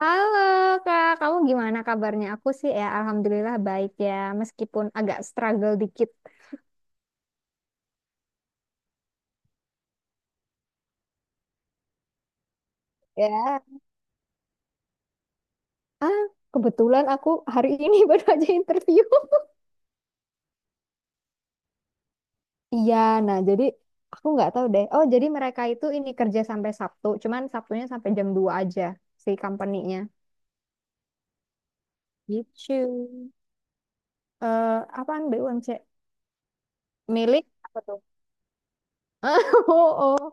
Halo Kak, kamu gimana kabarnya? Aku sih ya alhamdulillah baik ya, meskipun agak struggle dikit ya. Ah, kebetulan aku hari ini baru aja interview. Iya, nah jadi aku nggak tahu deh. Oh, jadi mereka itu ini kerja sampai Sabtu, cuman Sabtunya sampai jam 2 aja si company-nya. Gitu. Eh, apaan BUMC? Milik apa tuh? Oh, oh.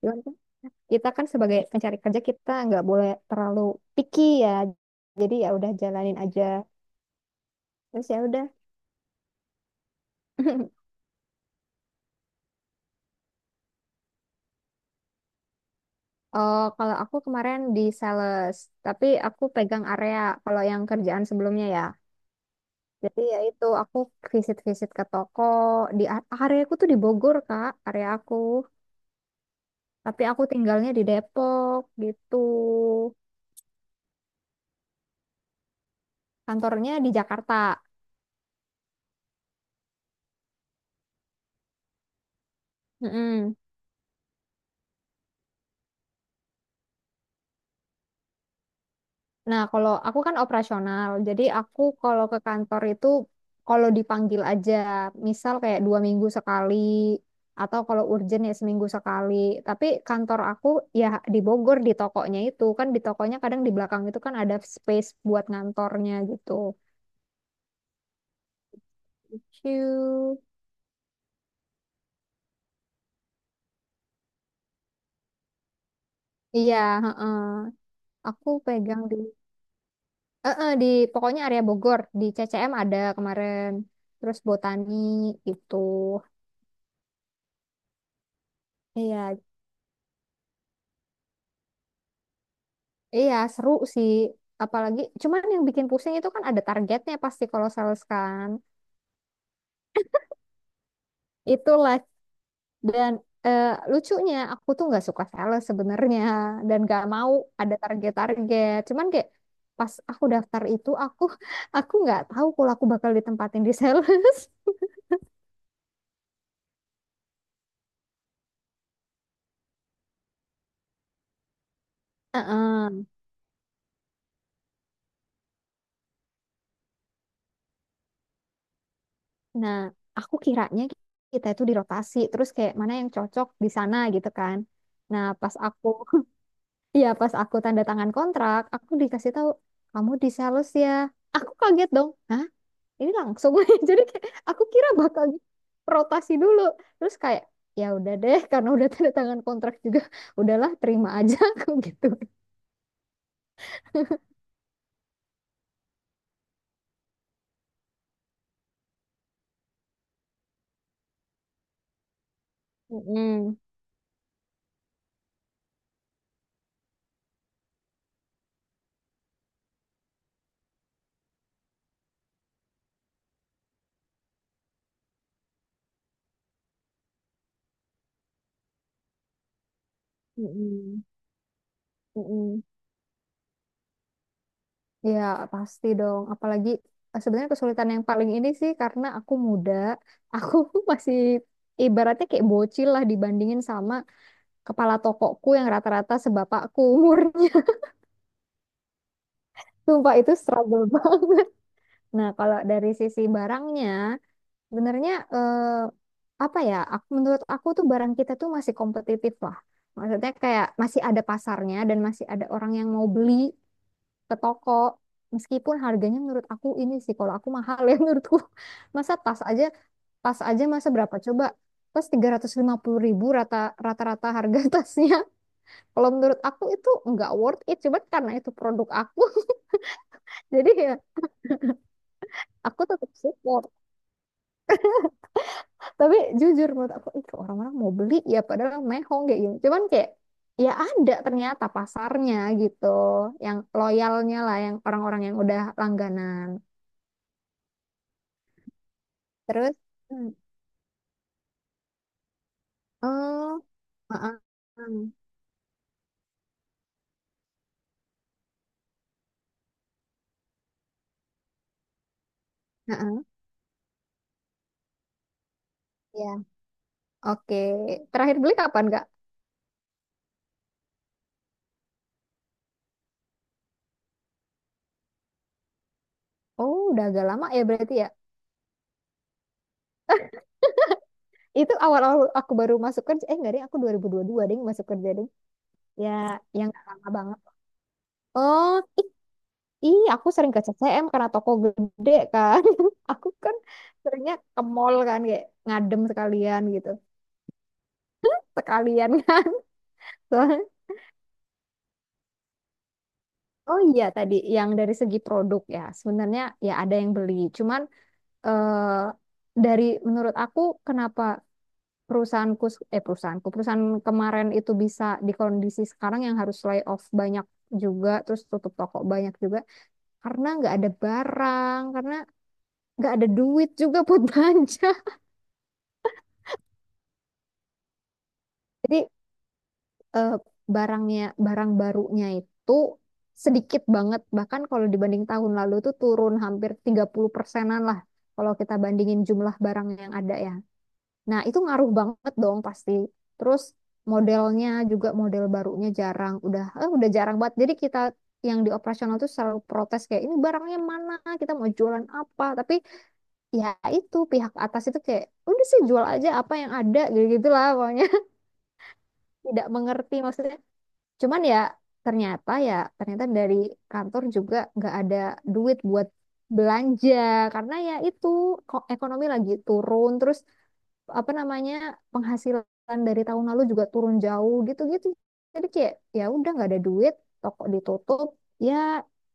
Cuman kan Kita kan sebagai pencari kerja, kita nggak boleh terlalu picky ya. Jadi ya udah jalanin aja. Terus ya udah. Oh, kalau aku kemarin di sales, tapi aku pegang area kalau yang kerjaan sebelumnya ya. Jadi ya itu aku visit-visit ke toko di area, aku tuh di Bogor, Kak, area aku. Tapi aku tinggalnya di Depok gitu. Kantornya di Jakarta. Mm-mm. Nah, kalau aku kan operasional, jadi aku kalau ke kantor itu kalau dipanggil aja, misal kayak 2 minggu sekali, atau kalau urgent ya seminggu sekali. Tapi kantor aku ya di Bogor, di tokonya itu kan, di tokonya kadang di belakang itu kan ada space buat ngantornya gitu. Ciu. Iya, heeh. Aku pegang di, di pokoknya area Bogor, di CCM ada kemarin, terus Botani gitu. Iya, iya, seru sih. Apalagi, cuman yang bikin pusing itu kan ada targetnya pasti kalau sales kan. Itulah. Dan, eh, lucunya, aku tuh nggak suka sales sebenarnya. Dan nggak mau ada target-target. Cuman kayak pas aku daftar itu, aku aku nggak tahu kalau aku bakal ditempatin di sales. Heeh. Nah, aku kiranya kita itu dirotasi. Terus kayak mana yang cocok di sana gitu kan. Nah, pas aku iya, pas aku tanda tangan kontrak, aku dikasih tahu kamu di sales ya. Aku kaget dong. Hah? Ini langsung. Jadi kayak aku kira bakal rotasi dulu. Terus kayak ya udah deh karena udah tanda tangan kontrak juga, udahlah terima aja aku gitu. Mm-mm. Mm-mm. Mm-mm. Ya, pasti dong. Apalagi sebenarnya kesulitan yang paling ini sih karena aku muda, aku masih ibaratnya kayak bocil lah dibandingin sama kepala tokoku yang rata-rata sebapakku umur. Sumpah itu struggle banget. Nah, kalau dari sisi barangnya, sebenarnya apa ya? Menurut aku tuh barang kita tuh masih kompetitif lah. Maksudnya kayak masih ada pasarnya dan masih ada orang yang mau beli ke toko. Meskipun harganya menurut aku ini sih, kalau aku mahal ya menurutku. Masa tas aja masa berapa coba? Tas 350.000, rata-rata harga tasnya. Kalau menurut aku itu nggak worth it. Cuman karena itu produk aku. Jadi ya aku tetap support. Tapi jujur menurut aku itu orang-orang mau beli ya padahal mehong kayak gini, cuman kayak ya ada ternyata pasarnya gitu, yang loyalnya lah, yang orang-orang yang udah langganan. Terus hmm, oh, heeh, heeh, ya, oke. Terakhir beli kapan Kak? Oh, udah agak lama ya berarti, ya. Itu awal-awal aku baru masuk kerja, eh, enggak deh, aku dua ribu dua deh masuk kerja deh. Ya, yang nggak lama banget. Oh. Ih, aku sering ke CCM karena toko gede kan. Aku kan seringnya ke mall kan kayak ngadem sekalian gitu. Sekalian. Soalnya- Oh iya, tadi yang dari segi produk ya. Sebenarnya ya ada yang beli. Cuman eh, dari menurut aku kenapa perusahaanku eh perusahaanku perusahaan kemarin itu bisa di kondisi sekarang yang harus layoff banyak juga, terus tutup toko banyak juga, karena nggak ada barang, karena nggak ada duit juga buat belanja. Jadi, eh, barang barunya itu sedikit banget, bahkan kalau dibanding tahun lalu itu turun hampir 30 persenan lah kalau kita bandingin jumlah barang yang ada ya. Nah, itu ngaruh banget dong pasti. Terus modelnya juga, model barunya jarang, udah jarang banget. Jadi kita yang di operasional tuh selalu protes kayak ini barangnya mana, kita mau jualan apa. Tapi ya itu pihak atas itu kayak udah sih jual aja apa yang ada gitu-gitulah pokoknya. Tidak mengerti maksudnya. Cuman ya, ternyata dari kantor juga nggak ada duit buat belanja karena ya itu, ekonomi lagi turun, terus apa namanya, penghasilan dari tahun lalu juga turun jauh gitu-gitu. Jadi kayak ya udah nggak ada duit, toko ditutup, ya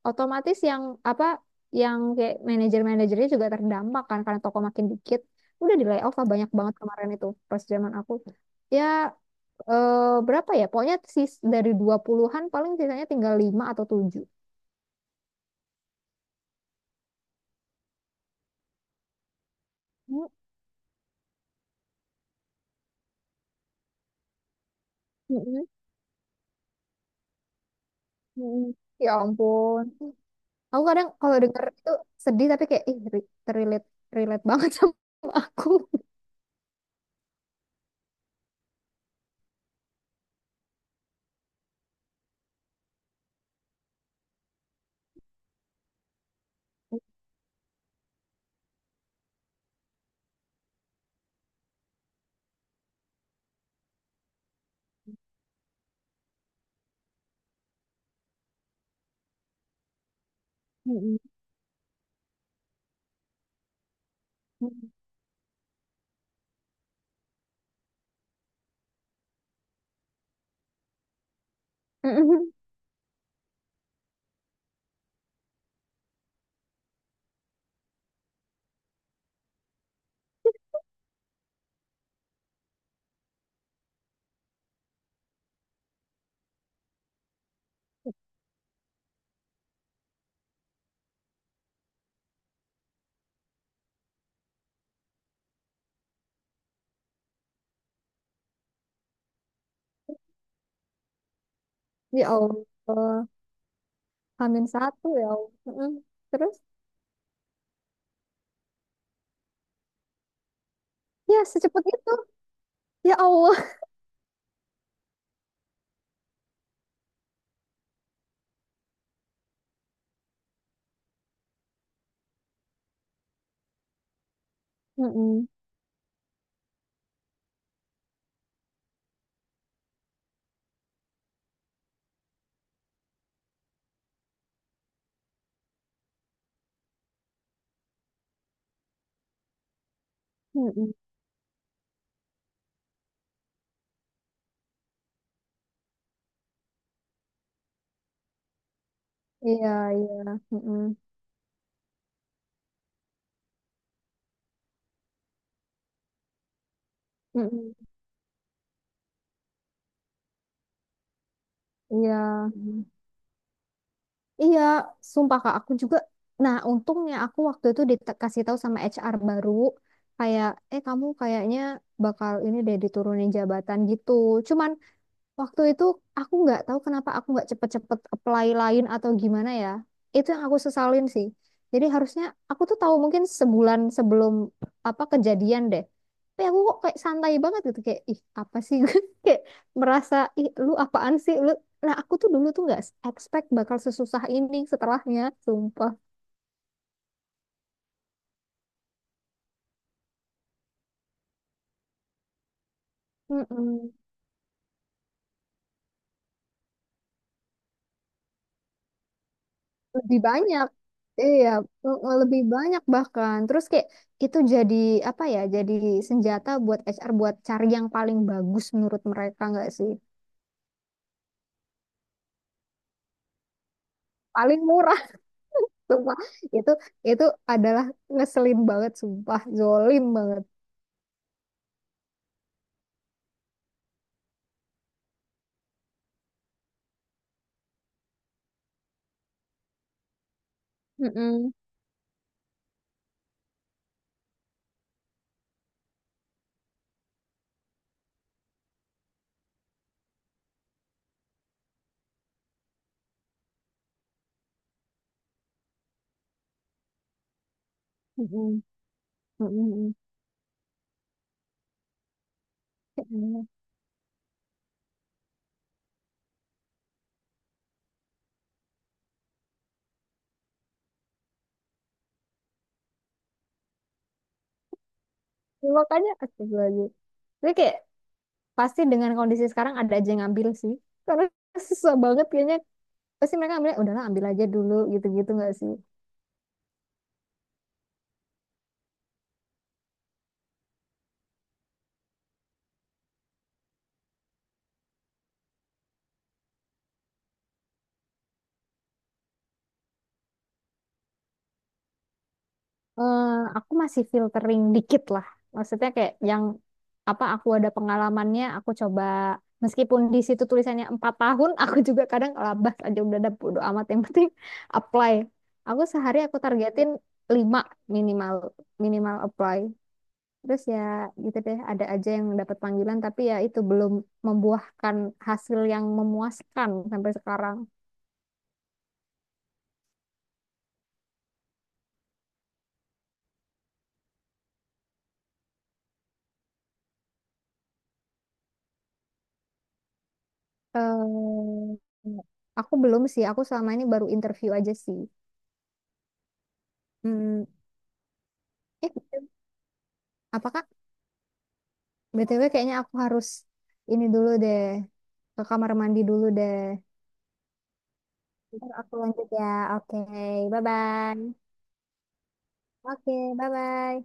otomatis yang apa, yang kayak manajer-manajernya juga terdampak kan karena toko makin dikit. Udah di layoff lah banyak banget kemarin itu pas zaman aku. Ya, eh, berapa ya? Pokoknya sis dari 20-an paling sisanya tinggal 5 atau tujuh. Mm, mm, mm. Ya ampun. Aku kadang kalau denger itu sedih tapi kayak ih, re- relate relate banget sama aku. Mm, mm, mm. Ya Allah, Hamin satu ya Allah. Mm. Terus, ya, secepat itu. Ya Allah. Mm, mm, mm, mm. Iya, iya. Mm, mm, mm, mm. Iya. Iya, sumpah Kak, aku juga. Nah, untungnya aku waktu itu dikasih tahu sama HR baru, kayak, kamu kayaknya bakal ini deh, diturunin jabatan gitu. Cuman waktu itu aku nggak tahu kenapa aku nggak cepet-cepet apply lain atau gimana ya. Itu yang aku sesalin sih. Jadi harusnya aku tuh tahu mungkin sebulan sebelum apa kejadian deh. Tapi aku kok kayak santai banget gitu, kayak ih apa sih kayak merasa ih lu apaan sih lu. Nah, aku tuh dulu tuh nggak expect bakal sesusah ini setelahnya, sumpah. Mm-mm. Lebih banyak, iya. Mm, mm. Lebih banyak bahkan, terus kayak itu jadi, apa ya, jadi senjata buat HR buat cari yang paling bagus menurut mereka, nggak sih? Paling murah. Sumpah, itu itu adalah ngeselin banget. Sumpah, zolim banget. Mm-mm. Mm-mm. Mm-mm. Mm-mm. Ya, makanya aku lagi jadi kayak, pasti dengan kondisi sekarang ada aja yang ngambil sih karena susah banget kayaknya, pasti mereka ambil udahlah, ambil aja dulu, gitu-gitu nggak sih? eh, aku masih filtering dikit lah. Maksudnya kayak yang apa aku ada pengalamannya, aku coba meskipun di situ tulisannya 4 tahun, aku juga kadang labas aja udah ada bodo amat yang penting apply. Aku sehari aku targetin lima minimal minimal apply. Terus ya gitu deh, ada aja yang dapat panggilan tapi ya itu belum membuahkan hasil yang memuaskan sampai sekarang. Eh, aku belum sih, aku selama ini baru interview aja sih. Hmm. Eh, apa Kak? BTW kayaknya aku harus ini dulu deh. Ke kamar mandi dulu deh. Ntar aku lanjut ya. Oke, bye-bye. Oke, bye-bye.